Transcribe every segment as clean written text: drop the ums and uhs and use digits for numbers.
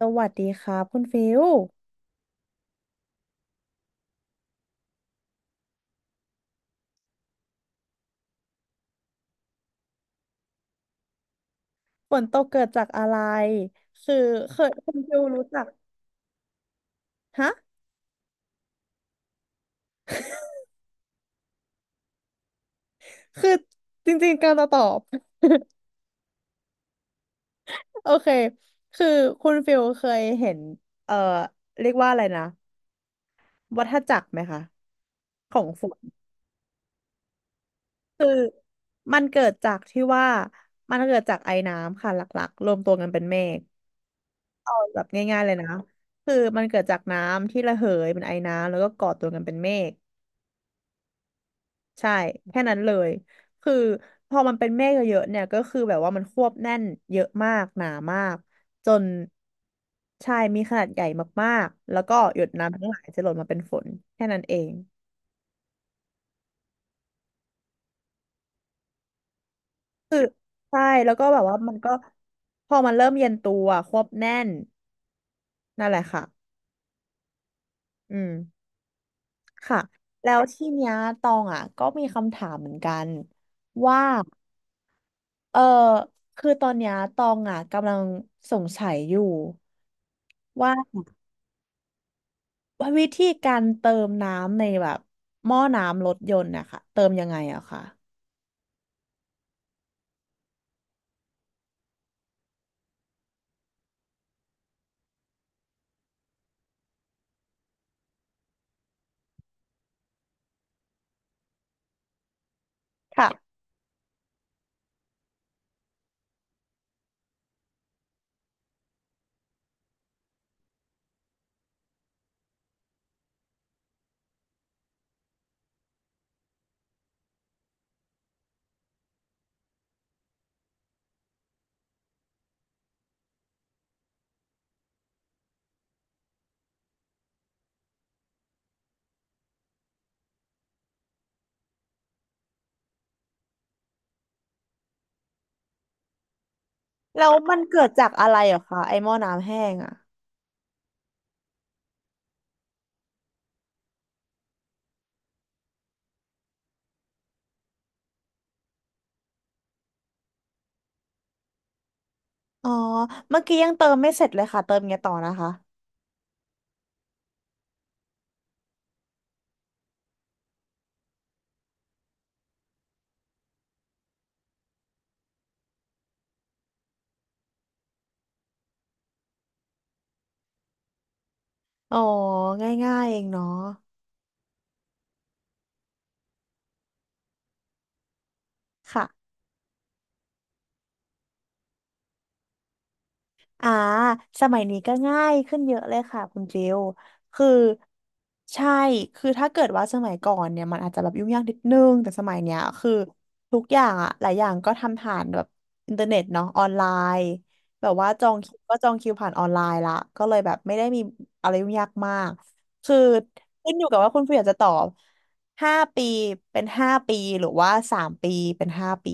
สวัสดีครับคุณฟิวฝนตกเกิดจากอะไรคือเคยคุณฟิวรู้จักฮะคือจริงๆการจะตอบ โอเคคือคุณฟิวเคยเห็นเอ่อเรียกว่าอะไรนะวัฏจักรไหมคะของฝนมันเกิดจากที่ว่ามันเกิดจากไอน้ำค่ะหลักๆรวมตัวกันเป็นเมฆเอาแบบง่ายๆเลยนะคือมันเกิดจากน้ำที่ระเหยเป็นไอน้ำแล้วก็ก่อตัวกันเป็นเมฆ ใช่แค่นั้นเลยคือพอมันเป็นเมฆเยอะๆเนี่ยก็คือแบบว่ามันควบแน่นเยอะมากหนามากจนใช่มีขนาดใหญ่มากๆแล้วก็หยดน้ำทั้งหลายจะหล่นมาเป็นฝนแค่นั้นเองใช่แล้วก็แบบว่ามันก็พอมันเริ่มเย็นตัวควบแน่นนั่นแหละค่ะอืมค่ะแล้วที่เนี้ยตองอ่ะก็มีคำถามเหมือนกันว่าเออคือตอนเนี้ยตองอ่ะกำลังสงสัยอยู่ว่า วิธีการเติมน้ำในแบบหม้อน้ำรถยนต์นะคะเติมยังไงอะคะค่ะแล้วมันเกิดจากอะไรเหรอคะไอหม้อน้ำแห้งอะอ๋อเมื่อกี้ยังเติมไม่เสร็จเลยค่ะเติมไงต่อนะคะอ๋อง่ายๆเองเนาะค่ะ อ่าสมัยนี้ก็ง่ายขึ้นเยอะเลยค่ะคุณฟิลคือใช่คือถ้าเกิดว่าสมัยก่อนเนี่ยมันอาจจะแบบยุ่งยากนิดนึงแต่สมัยเนี้ยคือทุกอย่างอะหลายอย่างก็ทำผ่านแบบอินเทอร์เน็ตเนาะออนไลน์แบบว่าจองคิวก็จองคิวผ่านออนไลน์ละก็เลยแบบไม่ได้มีอะไรยุ่งยากมากคือขึ้นอยู่กับว่าคุณฟิลอยากจะตอบห้าปีเป็นห้าปีหรือว่า3 ปีเป็นห้าปี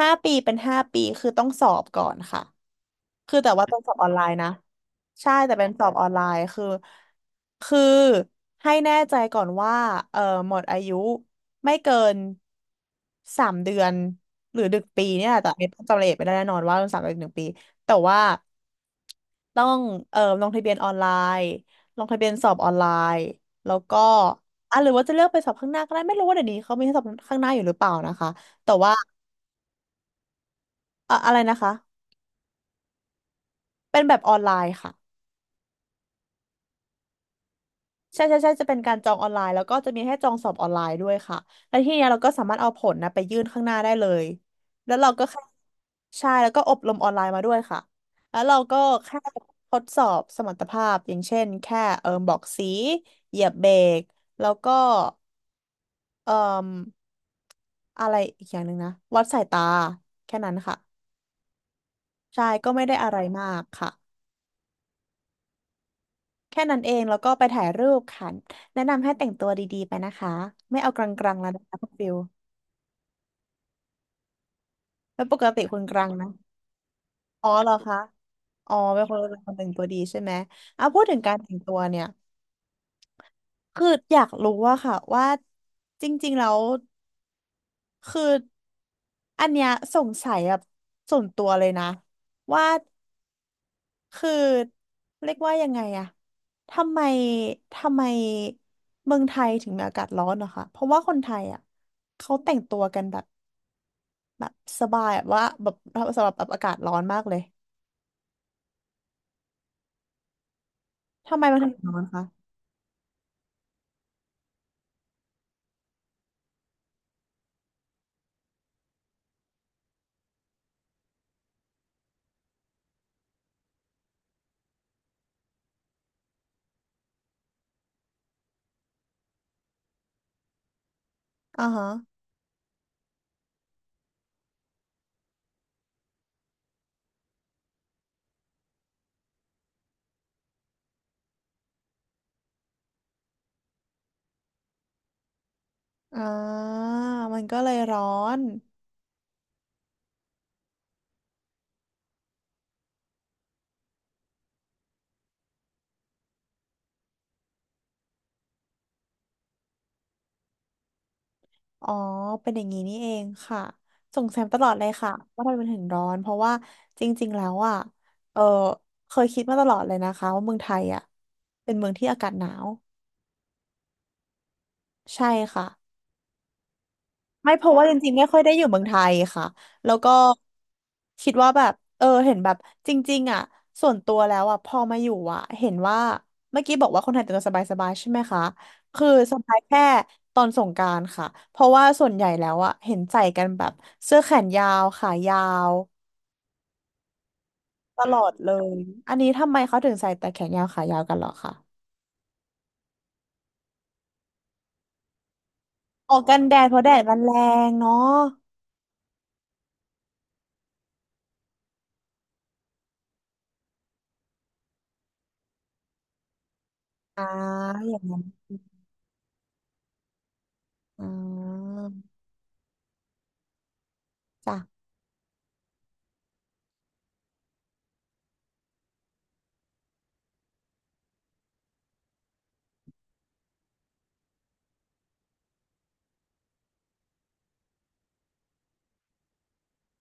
ห้าปีเป็นห้าปีคือต้องสอบก่อนค่ะ คือแต่ว่าเป็นสอบออนไลน์นะใช่แต่เป็นสอบออนไลน์คือให้แน่ใจก่อนว่าเออหมดอายุไม่เกินสามเดือนหรือดึกปีเนี่ยแหละแต่ไม่จำรายละเอียดไม่ได้แน่นอนว่าสามเดือนหรือ1 ปีแต่ว่าต้องเออลงทะเบียนออนไลน์ลงทะเบียนสอบออนไลน์แล้วก็อ่ะหรือว่าจะเลือกไปสอบข้างหน้าก็ได้ไม่รู้ว่าเดี๋ยวนี้เขามีให้สอบข้างหน้าอยู่หรือเปล่านะคะแต่ว่าอะไรนะคะเป็นแบบออนไลน์ค่ะ ใช่ใช่ใช่จะเป็นการจองออนไลน์แล้วก็จะมีให้จองสอบออนไลน์ด้วยค่ะแล้วทีเนี้ยเราก็สามารถเอาผลนะไปยื่นข้างหน้าได้เลยแล้วเราก็แค่ใช่แล้วก็อบรมออนไลน์มาด้วยค่ะแล้วเราก็แค่ทดสอบสมรรถภาพอย่างเช่นแค่เอิมบอกสีเหยียบเบรกแล้วก็เอิมอะไรอีกอย่างหนึ่งนะวัดสายตาแค่นั้นค่ะใช่ก็ไม่ได้อะไรมากค่ะแค่นั้นเองแล้วก็ไปถ่ายรูปค่ะแนะนำให้แต่งตัวดีๆไปนะคะไม่เอากลางๆแล้วนะคะคุณฟิล แล้วปกติคนกลางนะอ๋อเหรอคะอ๋อเป็นคนเป็นคนแต่งตัวดีใช่ไหมเอ่ะพูดถึงการแต่งตัวเนี่ย คืออยากรู้ว่าค่ะว่าจริงๆแล้วคืออันเนี้ยสงสัยแบบส่วนตัวเลยนะว่าคือเรียกว่ายังไงอะทำไมทำไมเมืองไทยถึงมีอากาศร้อนเะรอคะเพราะว่าคนไทยอะเขาแต่งตัวกันแบบแบบสบายแบบว่าแบบสำหรับแบบอากาศร้อนมากเลยทำไมมันถึงร้อนคะอ่าฮะ อ่า มันก็เลยร้อน อ๋อ เป็นอย่างนี้นี่เองค่ะสงสัยตลอดเลยค่ะ ว่าทำไมมันถึงร้อน เพราะว่าจริงๆ แล้วอ่ะ เออ เคยคิดมาตลอดเลยนะคะว่าเมืองไทยอ่ะ เป็นเมืองที่อากาศหนาว ใช่ค่ะ ไม่เพราะว่าจริงๆไม่ค่อยได้อยู่เมืองไทยค่ะแล้วก็คิดว่าแบบเออเห็นแบบจริงๆอ่ะส่วนตัวแล้วอ่ะพอมาอยู่อ่ะเห็นว่าเมื่อกี้บอกว่าคนไทยแต่งตัวสบายๆใช่ไหมคะคือสบายแค่ตอนสงกรานต์ค่ะเพราะว่าส่วนใหญ่แล้วอ่ะเห็นใส่กันแบบเสื้อแขนยาวขายาวตลอดเลยอันนี้ทำไมเขาถึงใส่แต่แขนยาวขายาวกันเหรอคะออกกันแดดเพราะแดดมันแรงเนาะอ่าอย่างนั้นอ่าจ้ะ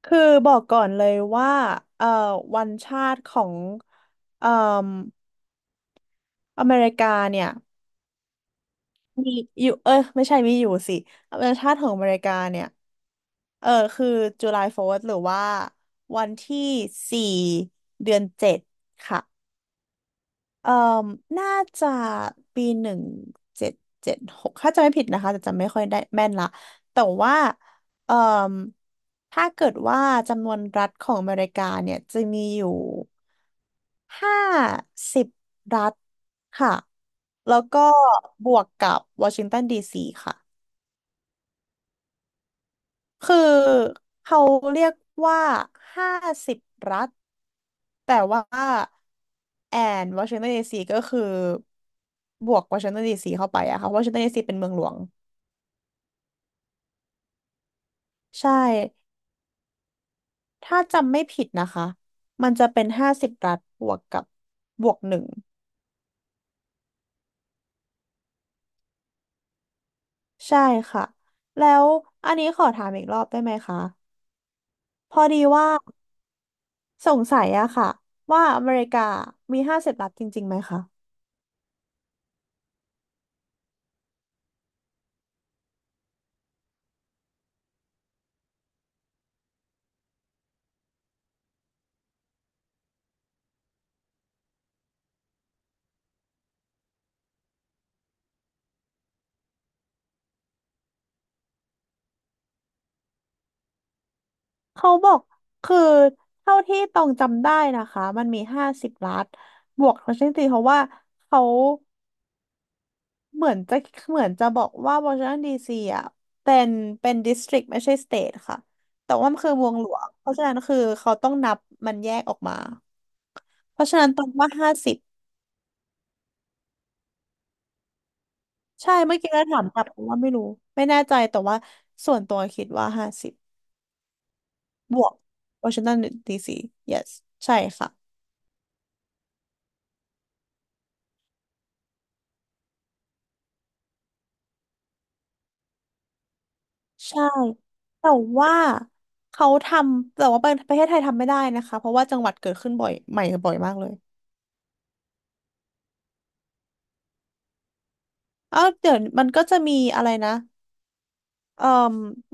คือบอกก่อนเลยว่าเอ่อวันชาติของเอ่มอเมริกาเนี่ยมีอยู่เออไม่ใช่มีอยู่สิวันชาติของอเมริกาเนี่ยเออคือ July 4th หรือว่าวันที่สี่เดือนเจ็ดค่ะ เอ่อน่าจะปี 1776ถ้าจำไม่ผิดนะคะแต่จำไม่ค่อยได้แม่นละ แต่ว่าเอ่อถ้าเกิดว่าจำนวนรัฐของอเมริกาเนี่ยจะมีอยู่ห้าสิบรัฐค่ะ แล้วก็บวกกับวอชิงตันดีซีค่ะ คือเขาเรียกว่า50 รัฐแต่ว่าแอนวอชิงตันดีซีก็คือบวกวอชิงตันดีซีเข้าไปอะค่ะวอชิงตันดีซีเป็นเมืองหลวงใช่ถ้าจำไม่ผิดนะคะมันจะเป็นห้าสิบรัฐบวกกับบวก 1ใช่ค่ะแล้วอันนี้ขอถามอีกรอบได้ไหมคะพอดีว่าสงสัยอะค่ะว่าอเมริกามีห้าสิบรัฐจริงๆไหมคะ เขาบอกคือเท่าที่ตองจำได้นะคะมันมี50 ล้านบวกวอชิงตันดีซีเพราะว่าเขาเหมือนจะเหมือนจะบอกว่าวอชิงตันดีซีอ่ะเป็นเป็นดิสตริกไม่ใช่สเตทค่ะแต่ว่ามันคือเมืองหลวงเพราะฉะนั้นคือเขาต้องนับมันแยกออกมาเพราะฉะนั้นตองว่าห้าสิบใช่เมื่อกี้เราถามกลับเพราะว่าไม่รู้ไม่แน่ใจแต่ว่าส่วนตัวคิดว่าห้าสิบบวกวอชิงตันดีซี yes ใช่ค่ะ ใช่แต่ว่าเขาทำแต่ว่าประเทศไทยทำไม่ได้นะคะเพราะว่าจังหวัดเกิดขึ้นบ่อยใหม่บ่อยมากเลยเอ้าเดี๋ยวมันก็จะมีอะไรนะเอ่อ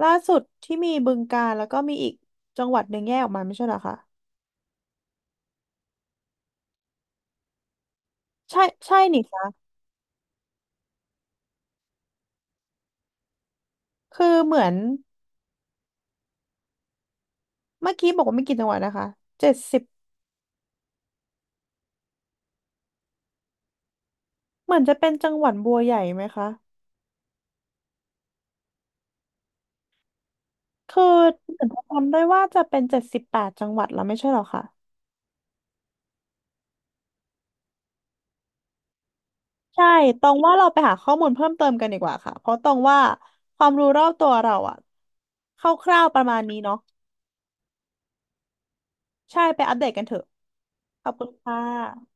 ล่าสุดที่มีบึงกาฬแล้วก็มีอีกจังหวัดหนึ่งแยกออกมาไม่ใช่เหรอคะใช่ใช่นี่คะคือเหมือนเมื่อกี้บอกว่าไม่กี่จังหวัดนะคะเจ็ดสิบเหมือนจะเป็นจังหวัดบัวใหญ่ไหมคะคือเหมือนจะจำได้ว่าจะเป็น78 จังหวัดแล้วไม่ใช่เหรอคะ ใช่ตองว่าเราไปหาข้อมูลเพิ่มเติมกันดีกว่าค่ะเพราะตองว่าความรู้รอบตัวเราอะคร่าวๆประมาณนี้เนาะใช่ไปอัปเดตกันเถอะขอบคุณค่ะ